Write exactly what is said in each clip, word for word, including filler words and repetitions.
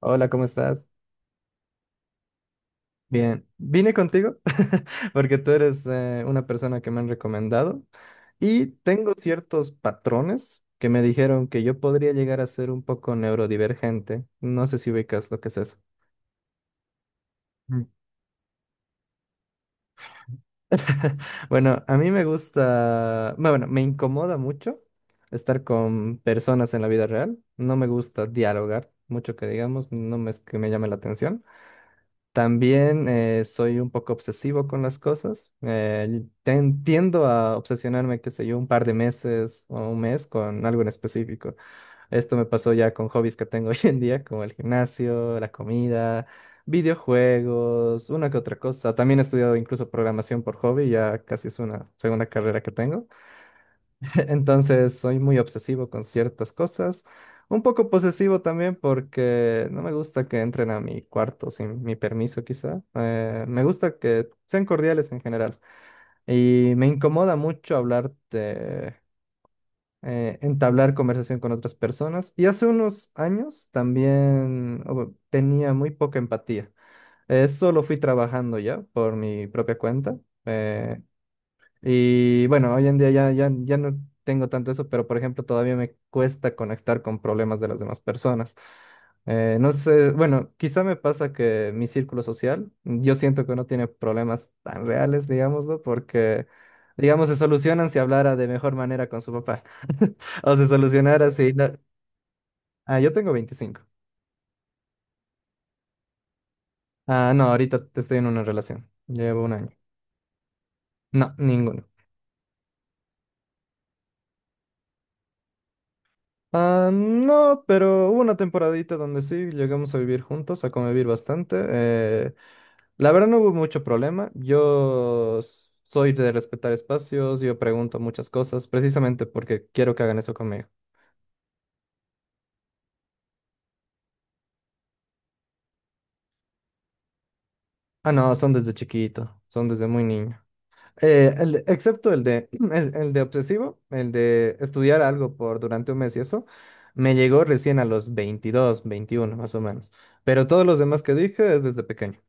Hola, ¿cómo estás? Bien, vine contigo porque tú eres eh, una persona que me han recomendado y tengo ciertos patrones que me dijeron que yo podría llegar a ser un poco neurodivergente. No sé si ubicas lo que es eso. Mm. Bueno, a mí me gusta, bueno, me incomoda mucho estar con personas en la vida real. No me gusta dialogar mucho que digamos, no me es que me llame la atención. También eh, soy un poco obsesivo con las cosas. Eh, ten- tiendo a obsesionarme, qué sé yo, un par de meses o un mes con algo en específico. Esto me pasó ya con hobbies que tengo hoy en día, como el gimnasio, la comida, videojuegos, una que otra cosa. También he estudiado incluso programación por hobby, ya casi es una segunda carrera que tengo. Entonces soy muy obsesivo con ciertas cosas, un poco posesivo también porque no me gusta que entren a mi cuarto sin mi permiso quizá. Eh, me gusta que sean cordiales en general y me incomoda mucho hablar de, eh, entablar conversación con otras personas. Y hace unos años también oh, tenía muy poca empatía. Eh, eso lo fui trabajando ya por mi propia cuenta. Eh, y bueno, hoy en día ya, ya, ya no tengo tanto eso, pero por ejemplo todavía me cuesta conectar con problemas de las demás personas. Eh, no sé, bueno, quizá me pasa que mi círculo social, yo siento que no tiene problemas tan reales, digámoslo, porque, digamos, se solucionan si hablara de mejor manera con su papá. O se solucionara si no- Ah, yo tengo veinticinco. Ah, no, ahorita estoy en una relación. Llevo un año. No, ninguno. Ah, no, pero hubo una temporadita donde sí llegamos a vivir juntos, a convivir bastante. Eh, la verdad no hubo mucho problema. Yo s- soy de respetar espacios, yo pregunto muchas cosas, precisamente porque quiero que hagan eso conmigo. Ah, no, son desde chiquito, son desde muy niño. Eh, el- excepto el de, el, el de obsesivo, el de estudiar algo por durante un mes y eso, me llegó recién a los veintidós, veintiuno más o menos. Pero todos los demás que dije es desde pequeño.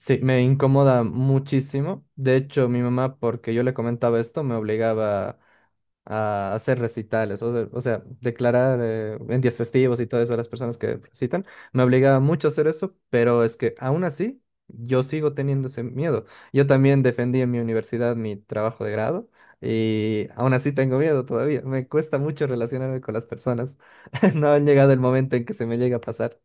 Sí, me incomoda muchísimo. De hecho, mi mamá, porque yo le comentaba esto, me obligaba a hacer recitales, o sea, o sea, declarar eh, en días festivos y todo eso a las personas que recitan. Me obligaba mucho a hacer eso, pero es que aún así yo sigo teniendo ese miedo. Yo también defendí en mi universidad mi trabajo de grado y aún así tengo miedo todavía. Me cuesta mucho relacionarme con las personas. No ha llegado el momento en que se me llegue a pasar.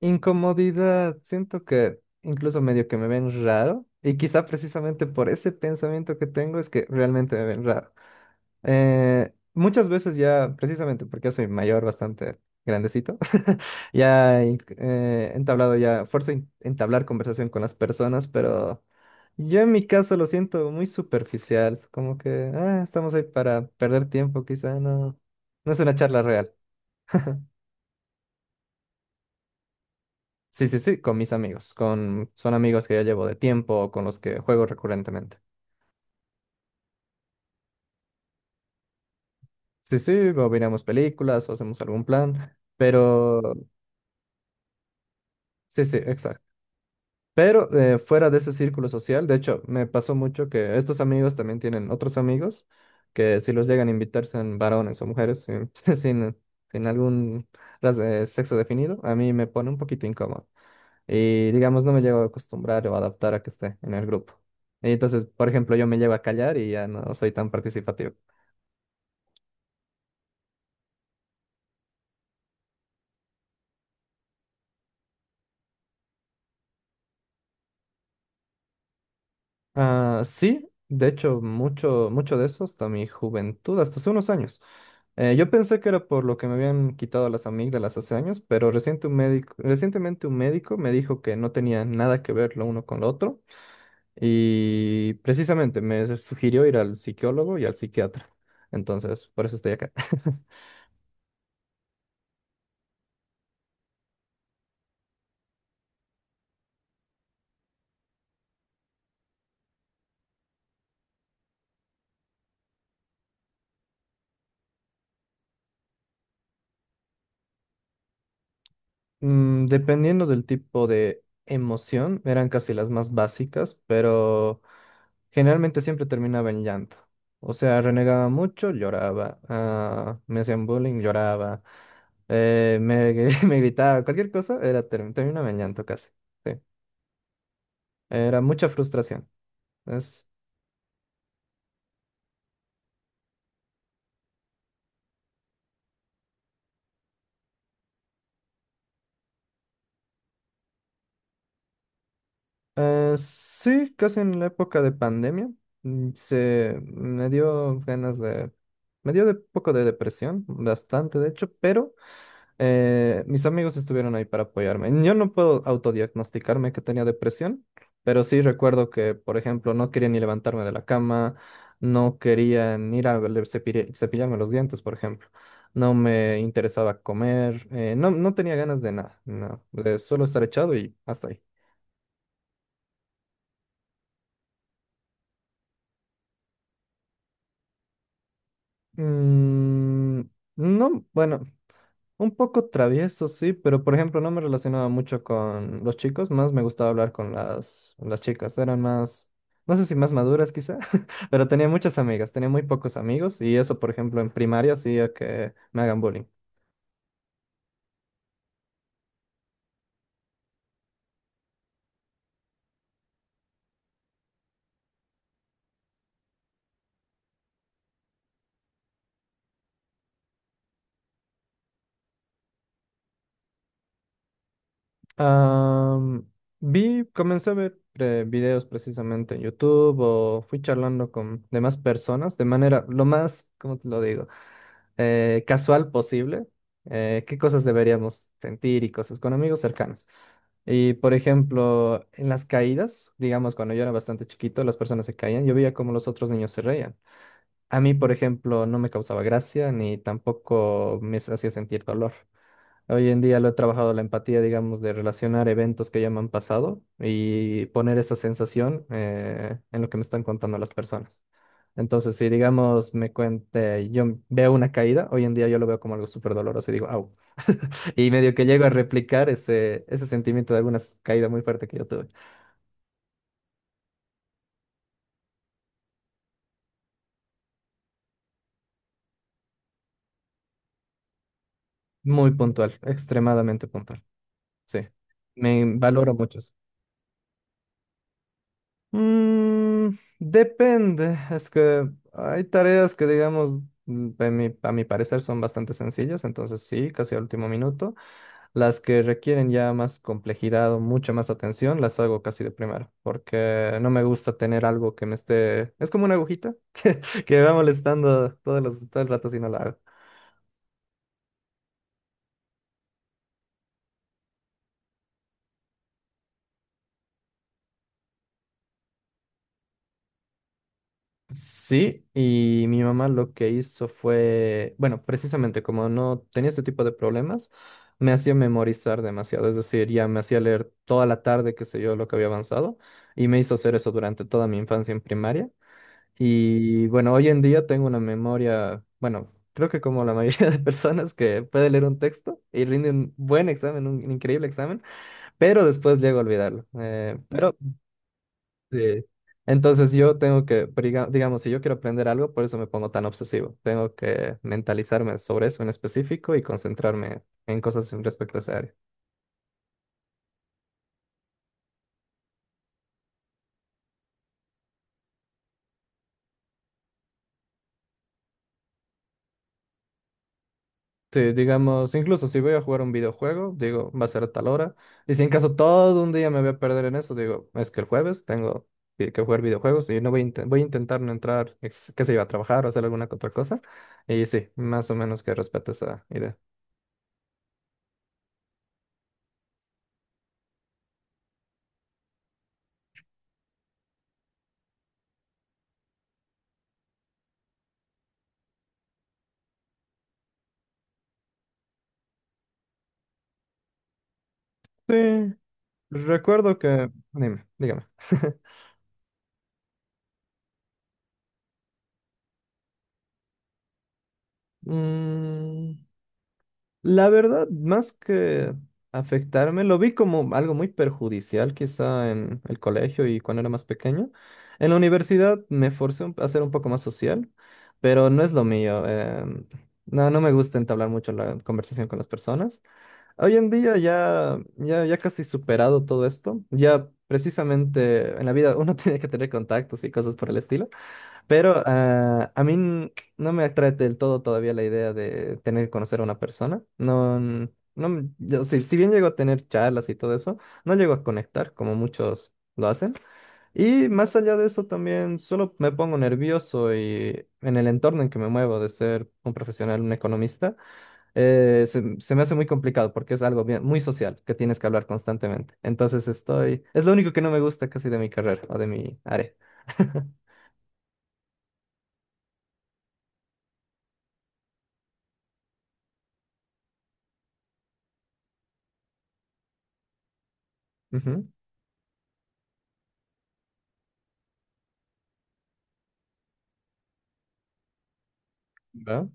Incomodidad, siento que incluso medio que me ven raro y quizá precisamente por ese pensamiento que tengo es que realmente me ven raro. Eh, muchas veces ya, precisamente porque yo soy mayor, bastante grandecito, ya he eh, entablado ya, fuerzo en- entablar conversación con las personas, pero yo en mi caso lo siento muy superficial, es como que ah, estamos ahí para perder tiempo, quizá no, no es una charla real. Sí, sí, sí, con mis amigos, con son amigos que ya llevo de tiempo, con los que juego recurrentemente. Sí, sí, o miramos películas o hacemos algún plan, pero sí, sí, exacto. Pero eh, fuera de ese círculo social, de hecho, me pasó mucho que estos amigos también tienen otros amigos que si los llegan a invitar sean varones o mujeres, sin, sin, sin algún ras- eh, sexo definido, a mí me pone un poquito incómodo. Y digamos, no me llego a acostumbrar o adaptar a que esté en el grupo. Y entonces, por ejemplo, yo me llevo a callar y ya no soy tan participativo. Ah, sí, de hecho, mucho, mucho de eso hasta mi juventud, hasta hace unos años. Eh, yo pensé que era por lo que me habían quitado las amígdalas hace años, pero reciente un médico, recientemente un médico me dijo que no tenía nada que ver lo uno con lo otro y precisamente me sugirió ir al psicólogo y al psiquiatra. Entonces, por eso estoy acá. Mm, dependiendo del tipo de emoción, eran casi las más básicas, pero generalmente siempre terminaba en llanto. O sea, renegaba mucho, lloraba. Ah, me hacían bullying, lloraba. Eh, me, gri- me gritaba, cualquier cosa, era ter- terminaba en llanto casi. Sí. Era mucha frustración. Es- eh, sí, casi en la época de pandemia, mm, se me dio ganas de... Me dio de poco de depresión, bastante de hecho, pero... Eh, mis amigos estuvieron ahí para apoyarme. Yo no puedo autodiagnosticarme que tenía depresión, pero sí recuerdo que, por ejemplo, no quería ni levantarme de la cama, no quería ni ir a le- cepille- cepillarme los dientes, por ejemplo. No me interesaba comer, eh, no, no tenía ganas de nada, no, de solo estar echado y hasta ahí. Mm, no, bueno, un poco travieso, sí, pero por ejemplo no me relacionaba mucho con los chicos, más me gustaba hablar con las, las chicas, eran más, no sé si más maduras quizá, pero tenía muchas amigas, tenía muy pocos amigos y eso por ejemplo en primaria hacía que me hagan bullying. Am, vi, Comencé a ver eh, videos precisamente en YouTube o fui charlando con demás personas de manera lo más, ¿cómo te lo digo? Eh, casual posible, eh, qué cosas deberíamos sentir y cosas con amigos cercanos. Y por ejemplo, en las caídas, digamos, cuando yo era bastante chiquito, las personas se caían, yo veía cómo los otros niños se reían. A mí, por ejemplo, no me causaba gracia ni tampoco me hacía sentir dolor. Hoy en día lo he trabajado la empatía, digamos, de relacionar eventos que ya me han pasado y poner esa sensación eh, en lo que me están contando las personas. Entonces, si digamos, me cuente, yo veo una caída, hoy en día yo lo veo como algo súper doloroso y digo, au. Y medio que llego a replicar ese, ese sentimiento de alguna s- caída muy fuerte que yo tuve. Muy puntual, extremadamente puntual. Sí, me valoro mucho eso. Mm, depende, es que hay tareas que, digamos, mm, a mi, a mi parecer son bastante sencillas, entonces sí, casi al último minuto. Las que requieren ya más complejidad o mucha más atención, las hago casi de primero, porque no me gusta tener algo que me esté... Es como una agujita que me va molestando todos los, todo el rato si no la hago. Sí, y mi mamá lo que hizo fue, bueno, precisamente como no tenía este tipo de problemas, me hacía memorizar demasiado, es decir, ya me hacía leer toda la tarde, qué sé yo, lo que había avanzado, y me hizo hacer eso durante toda mi infancia en primaria. Y bueno, hoy en día tengo una memoria, bueno, creo que como la mayoría de personas que puede leer un texto y rinde un buen examen, un increíble examen, pero después llego a olvidarlo. Eh, pero sí. Entonces yo tengo que, briga- digamos, si yo quiero aprender algo, por eso me pongo tan obsesivo. Tengo que mentalizarme sobre eso en específico y concentrarme en cosas respecto a esa área. Sí, digamos, incluso si voy a jugar un videojuego, digo, va a ser a tal hora. Y si en caso todo un día me voy a perder en eso, digo, es que el jueves tengo que que jugar videojuegos y no voy a, inte- voy a intentar no entrar, ex- qué sé yo, a trabajar o hacer alguna que otra cosa. Y sí, más o menos que respeto esa idea. Sí, recuerdo que... Dime, dígame. Mm, la verdad, más que afectarme, lo vi como algo muy perjudicial quizá en el colegio y cuando era más pequeño. En la universidad me forcé un- a ser un poco más social, pero no es lo mío. Em, no, no me gusta entablar mucho la conversación con las personas. Hoy en día ya, ya, ya casi superado todo esto. Ya precisamente en la vida uno tiene que tener contactos y cosas por el estilo. Pero ah, a mí n- no me atrae del todo todavía la idea de tener que conocer a una persona. No, n- no, m- yo, si, si bien llego a tener charlas y todo eso, no llego a conectar como muchos lo hacen. Y más allá de eso también solo me pongo nervioso y en el entorno en que me muevo de ser un profesional, un economista, eh, se, se me hace muy complicado porque es algo bien- muy social que tienes que hablar constantemente. Entonces estoy, es lo único que no me gusta casi de mi carrera o de mi área. Ujú, ¿va?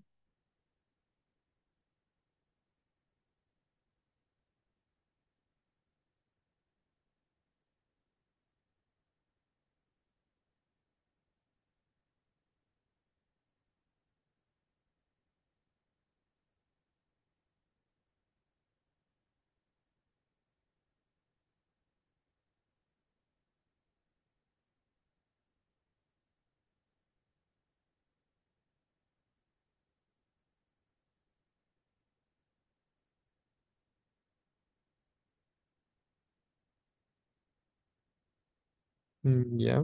Mm, ya,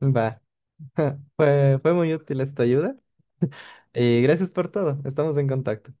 va. Fue, fue muy útil esta ayuda. Y gracias por todo. Estamos en contacto.